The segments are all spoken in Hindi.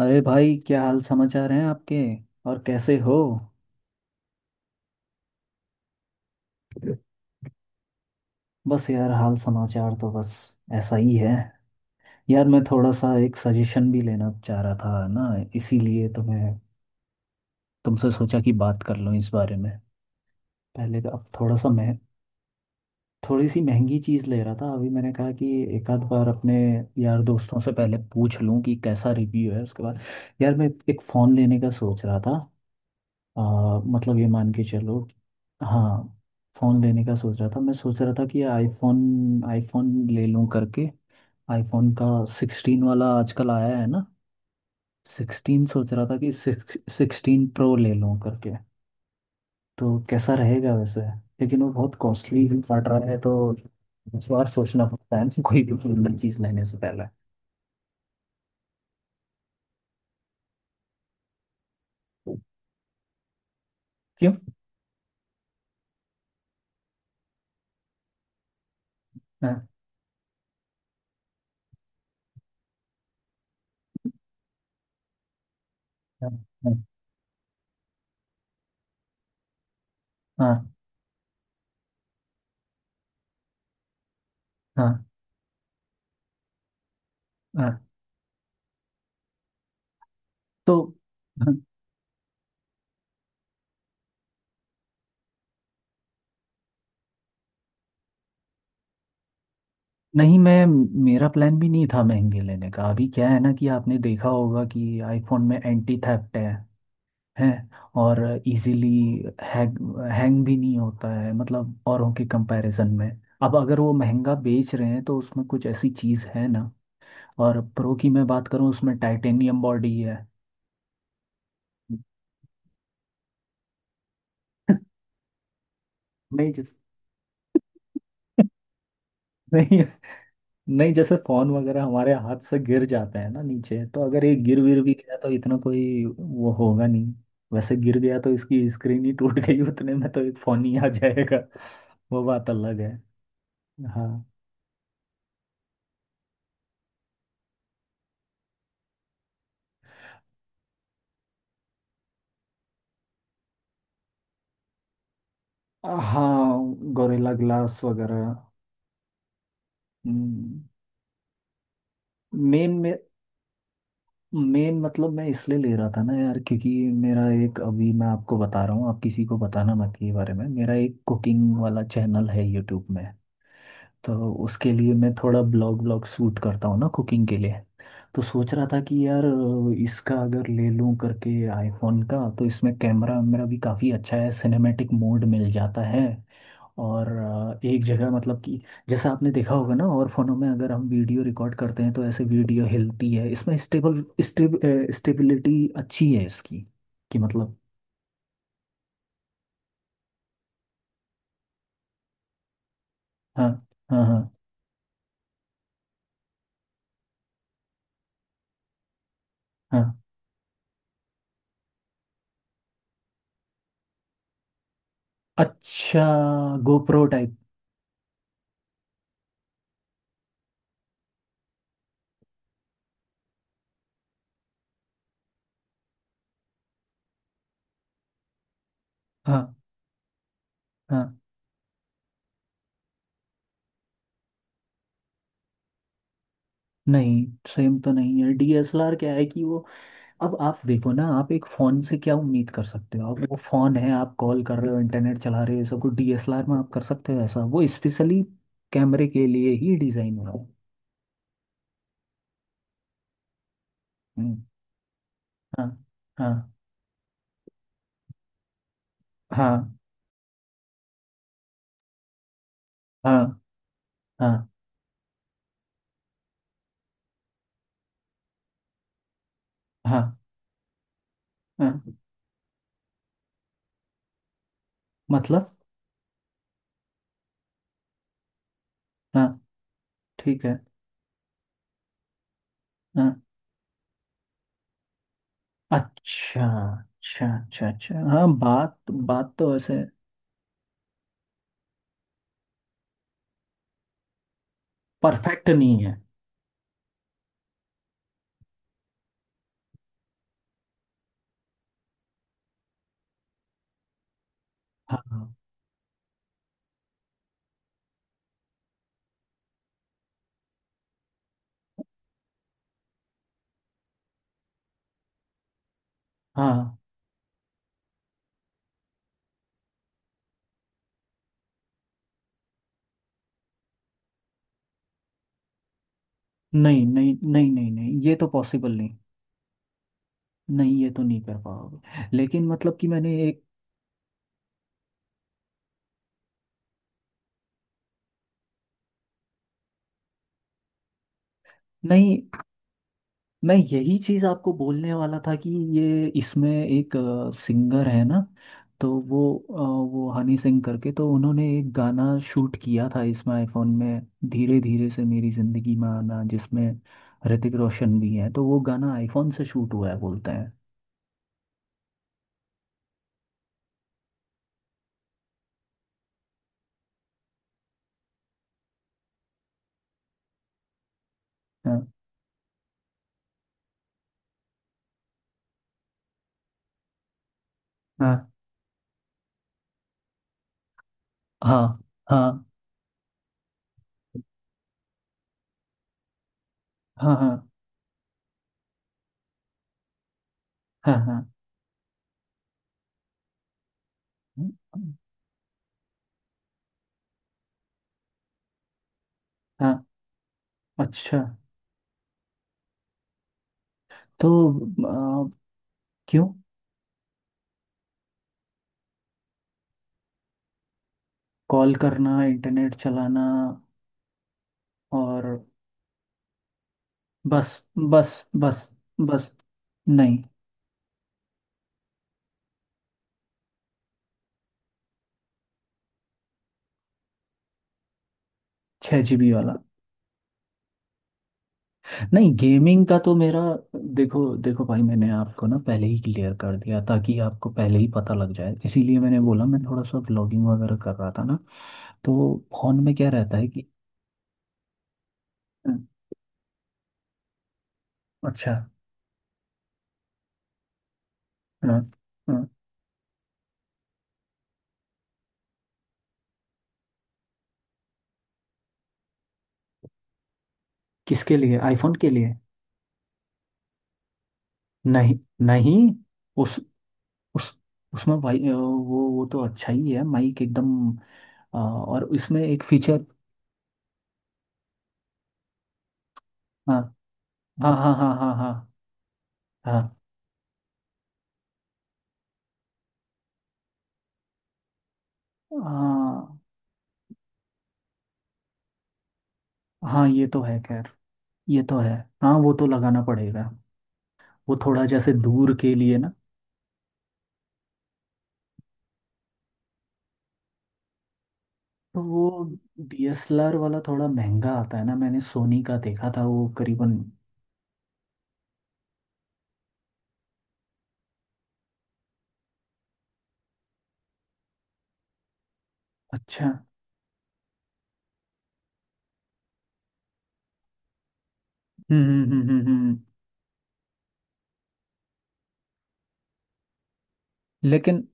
अरे भाई, क्या हाल समाचार हैं आपके और कैसे हो। बस यार, हाल समाचार तो बस ऐसा ही है। यार मैं थोड़ा सा एक सजेशन भी लेना चाह रहा था ना, इसीलिए तो मैं तुमसे सोचा कि बात कर लूँ इस बारे में। पहले तो अब थोड़ा सा मैं थोड़ी सी महंगी चीज़ ले रहा था। अभी मैंने कहा कि एक आध बार अपने यार दोस्तों से पहले पूछ लूँ कि कैसा रिव्यू है, उसके बाद। यार मैं एक फ़ोन लेने का सोच रहा था। आ, मतलब ये मान के चलो कि-। हाँ, फ़ोन लेने का सोच रहा था। मैं सोच रहा था कि आईफोन आईफोन ले लूँ करके। आईफोन का सिक्सटीन वाला आजकल आया है ना। सिक्सटीन, सोच रहा था कि सिक्सटीन प्रो ले लूँ करके, तो कैसा रहेगा वैसे। लेकिन वो बहुत कॉस्टली भी पड़ रहा है, तो इस बार सोचना पड़ता है कोई भी कीमती चीज़ लेने से पहले। क्यों। हाँ हाँ। हाँ। हाँ। हाँ, हाँ। तो नहीं, मैं, मेरा प्लान भी नहीं था महंगे लेने का। अभी क्या है ना, कि आपने देखा होगा कि आईफोन में एंटी थेफ्ट है। हैं, और इजीली हैंग हैंग भी नहीं होता है, मतलब औरों के कंपैरिजन में। अब अगर वो महंगा बेच रहे हैं तो उसमें कुछ ऐसी चीज़ है ना। और प्रो की मैं बात करूँ, उसमें टाइटेनियम बॉडी है। नहीं जिस नहीं, नहीं, जैसे फोन वगैरह हमारे हाथ से गिर जाते हैं ना नीचे, तो अगर ये गिर विर भी गया तो इतना कोई वो होगा नहीं। वैसे गिर गया तो इसकी स्क्रीन ही टूट गई, उतने में तो एक फोन ही आ जाएगा। वो बात अलग है। हाँ। हाँ, गोरिल्ला ग्लास वगैरह। हम्म, मेन में। मेन मतलब मैं इसलिए ले रहा था ना यार, क्योंकि मेरा एक, अभी मैं आपको बता रहा हूँ, आप किसी को बताना मत ये बारे में, मेरा एक कुकिंग वाला चैनल है यूट्यूब में। तो उसके लिए मैं थोड़ा ब्लॉग ब्लॉग शूट करता हूँ ना कुकिंग के लिए। तो सोच रहा था कि यार इसका अगर ले लूँ करके, आईफोन का, तो इसमें कैमरा मेरा भी काफ़ी अच्छा है, सिनेमैटिक मोड मिल जाता है। और एक जगह मतलब कि जैसा आपने देखा होगा ना, और फोनों में अगर हम वीडियो रिकॉर्ड करते हैं तो ऐसे वीडियो हिलती है। इसमें स्टेबल स्टेब स्टेबिलिटी अच्छी है इसकी, कि मतलब। हाँ, हाँ। हाँ, हाँ। अच्छा, गोप्रो टाइप। हाँ। हाँ, नहीं सेम तो नहीं है। डीएसएलआर क्या है कि वो, अब आप देखो ना, आप एक फ़ोन से क्या उम्मीद कर सकते हो। आप, वो फ़ोन है, आप कॉल कर रहे हो, इंटरनेट चला रहे हो, ये सब कुछ। डीएसएलआर में आप कर सकते हो ऐसा, वो स्पेशली कैमरे के लिए ही डिज़ाइन हुआ है। हम्म, हाँ। हाँ। हाँ, हाँ। हाँ, हाँ। हाँ, मतलब। हाँ, ठीक है। हाँ, अच्छा अच्छा अच्छा अच्छा, हाँ बात बात तो वैसे परफेक्ट नहीं है। हाँ। हाँ, नहीं नहीं नहीं नहीं नहीं, ये तो पॉसिबल नहीं। नहीं, ये तो नहीं कर पाओगे, लेकिन मतलब कि मैंने एक, नहीं मैं यही चीज आपको बोलने वाला था कि ये, इसमें एक सिंगर है ना, तो वो वो हनी सिंह करके, तो उन्होंने एक गाना शूट किया था इसमें, आईफोन में। धीरे धीरे से मेरी जिंदगी में आना, जिसमें ऋतिक रोशन भी है, तो वो गाना आईफोन से शूट हुआ है बोलते हैं। हाँ। हाँ। हाँ। हाँ। हाँ। हाँ। हाँ। हाँ, हाँ, अच्छा। तो अ, क्यों, कॉल करना, इंटरनेट चलाना, और बस, बस, बस, बस। नहीं, छः जीबी वाला, नहीं गेमिंग का तो मेरा। देखो देखो भाई, मैंने आपको ना पहले ही क्लियर कर दिया ताकि आपको पहले ही पता लग जाए, इसीलिए मैंने बोला मैं थोड़ा सा व्लॉगिंग वगैरह कर रहा था ना। तो फोन में क्या रहता है कि। हम्म, अच्छा। हाँ। हाँ, किसके लिए, आईफोन के लिए। नहीं, नहीं, उस, उस, उसमें भाई वो तो अच्छा ही है माइक एकदम। हाँ, और इसमें एक फीचर। हाँ, हाँ, हाँ, हाँ, हाँ। हाँ। हाँ। हाँ, हाँ ये तो है खैर। ये तो है। हाँ, वो तो लगाना पड़ेगा। वो थोड़ा जैसे दूर के लिए ना। तो वो डीएसएलआर वाला थोड़ा महंगा आता है ना, मैंने सोनी का देखा था वो करीबन। अच्छा। हम्म। लेकिन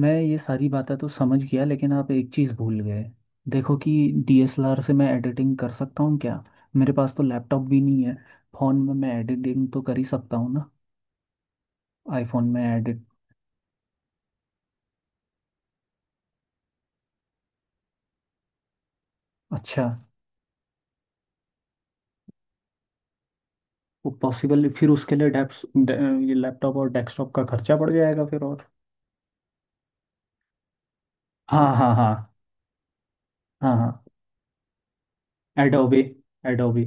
मैं ये सारी बातें तो समझ गया लेकिन आप एक चीज़ भूल गए। देखो कि डीएसएलआर से मैं एडिटिंग कर सकता हूँ क्या, मेरे पास तो लैपटॉप भी नहीं है। फ़ोन में मैं एडिटिंग तो कर ही सकता हूँ ना, आईफोन में एडिट। अच्छा, वो पॉसिबल, फिर उसके लिए डेप्स, ये लैपटॉप और डेस्कटॉप का खर्चा पड़ जाएगा फिर और। हाँ, हाँ। हाँ, हाँ, हाँ। Adobe, Adobe.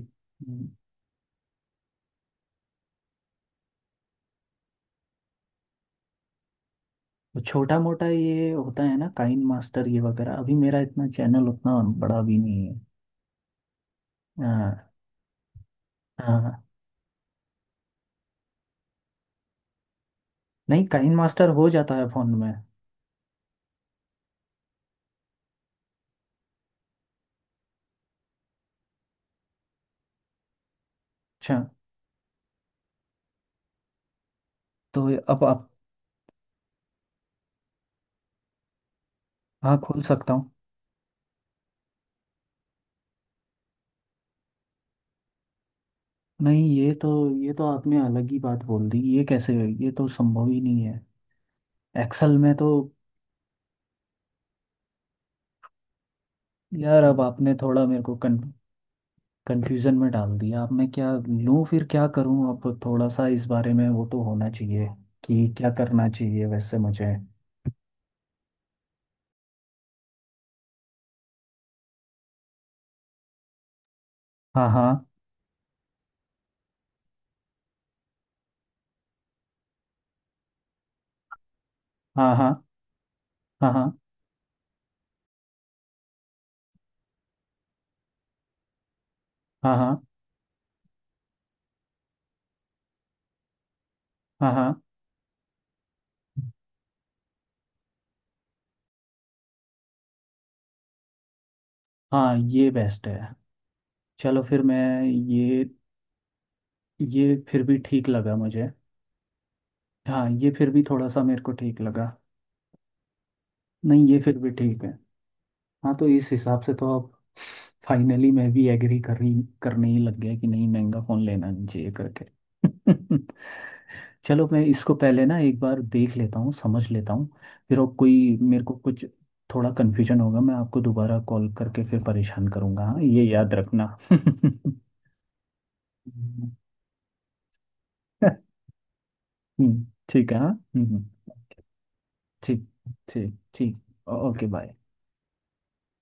तो छोटा मोटा ये होता है ना काइन मास्टर ये वगैरह, अभी मेरा इतना चैनल उतना बड़ा भी नहीं है। हाँ, हाँ। हाँ। नहीं, काइन मास्टर हो जाता है फोन में। अच्छा, तो ये- अब आप। हाँ, खोल सकता हूँ। नहीं, ये तो, ये तो आपने अलग ही बात बोल दी, ये कैसे, ये तो संभव ही नहीं है। एक्सेल में तो, यार अब आपने थोड़ा मेरे को कंफ्यूजन में डाल दिया। अब मैं क्या लूँ फिर क्या करूँ, अब थोड़ा सा इस बारे में वो तो होना चाहिए कि क्या करना चाहिए वैसे मुझे। हाँ, हाँ, हाँ, हाँ, हाँ, हाँ, हाँ, हाँ, हाँ, हाँ, हाँ, ये बेस्ट है। चलो फिर मैं ये फिर भी ठीक लगा मुझे। हाँ, ये फिर भी थोड़ा सा मेरे को ठीक लगा। नहीं, ये फिर भी ठीक है। हाँ, तो इस हिसाब से तो अब फाइनली मैं भी एग्री कर रही करने ही लग गया कि नहीं, महंगा फ़ोन लेना नहीं चाहिए करके। चलो, मैं इसको पहले ना एक बार देख लेता हूँ समझ लेता हूँ, फिर और कोई मेरे को कुछ थोड़ा कन्फ्यूजन होगा मैं आपको दोबारा कॉल करके फिर परेशान करूँगा, हाँ ये याद रखना। ठीक है। हाँ। हम्म। ठीक, ठीक, ठीक, ओके, बाय।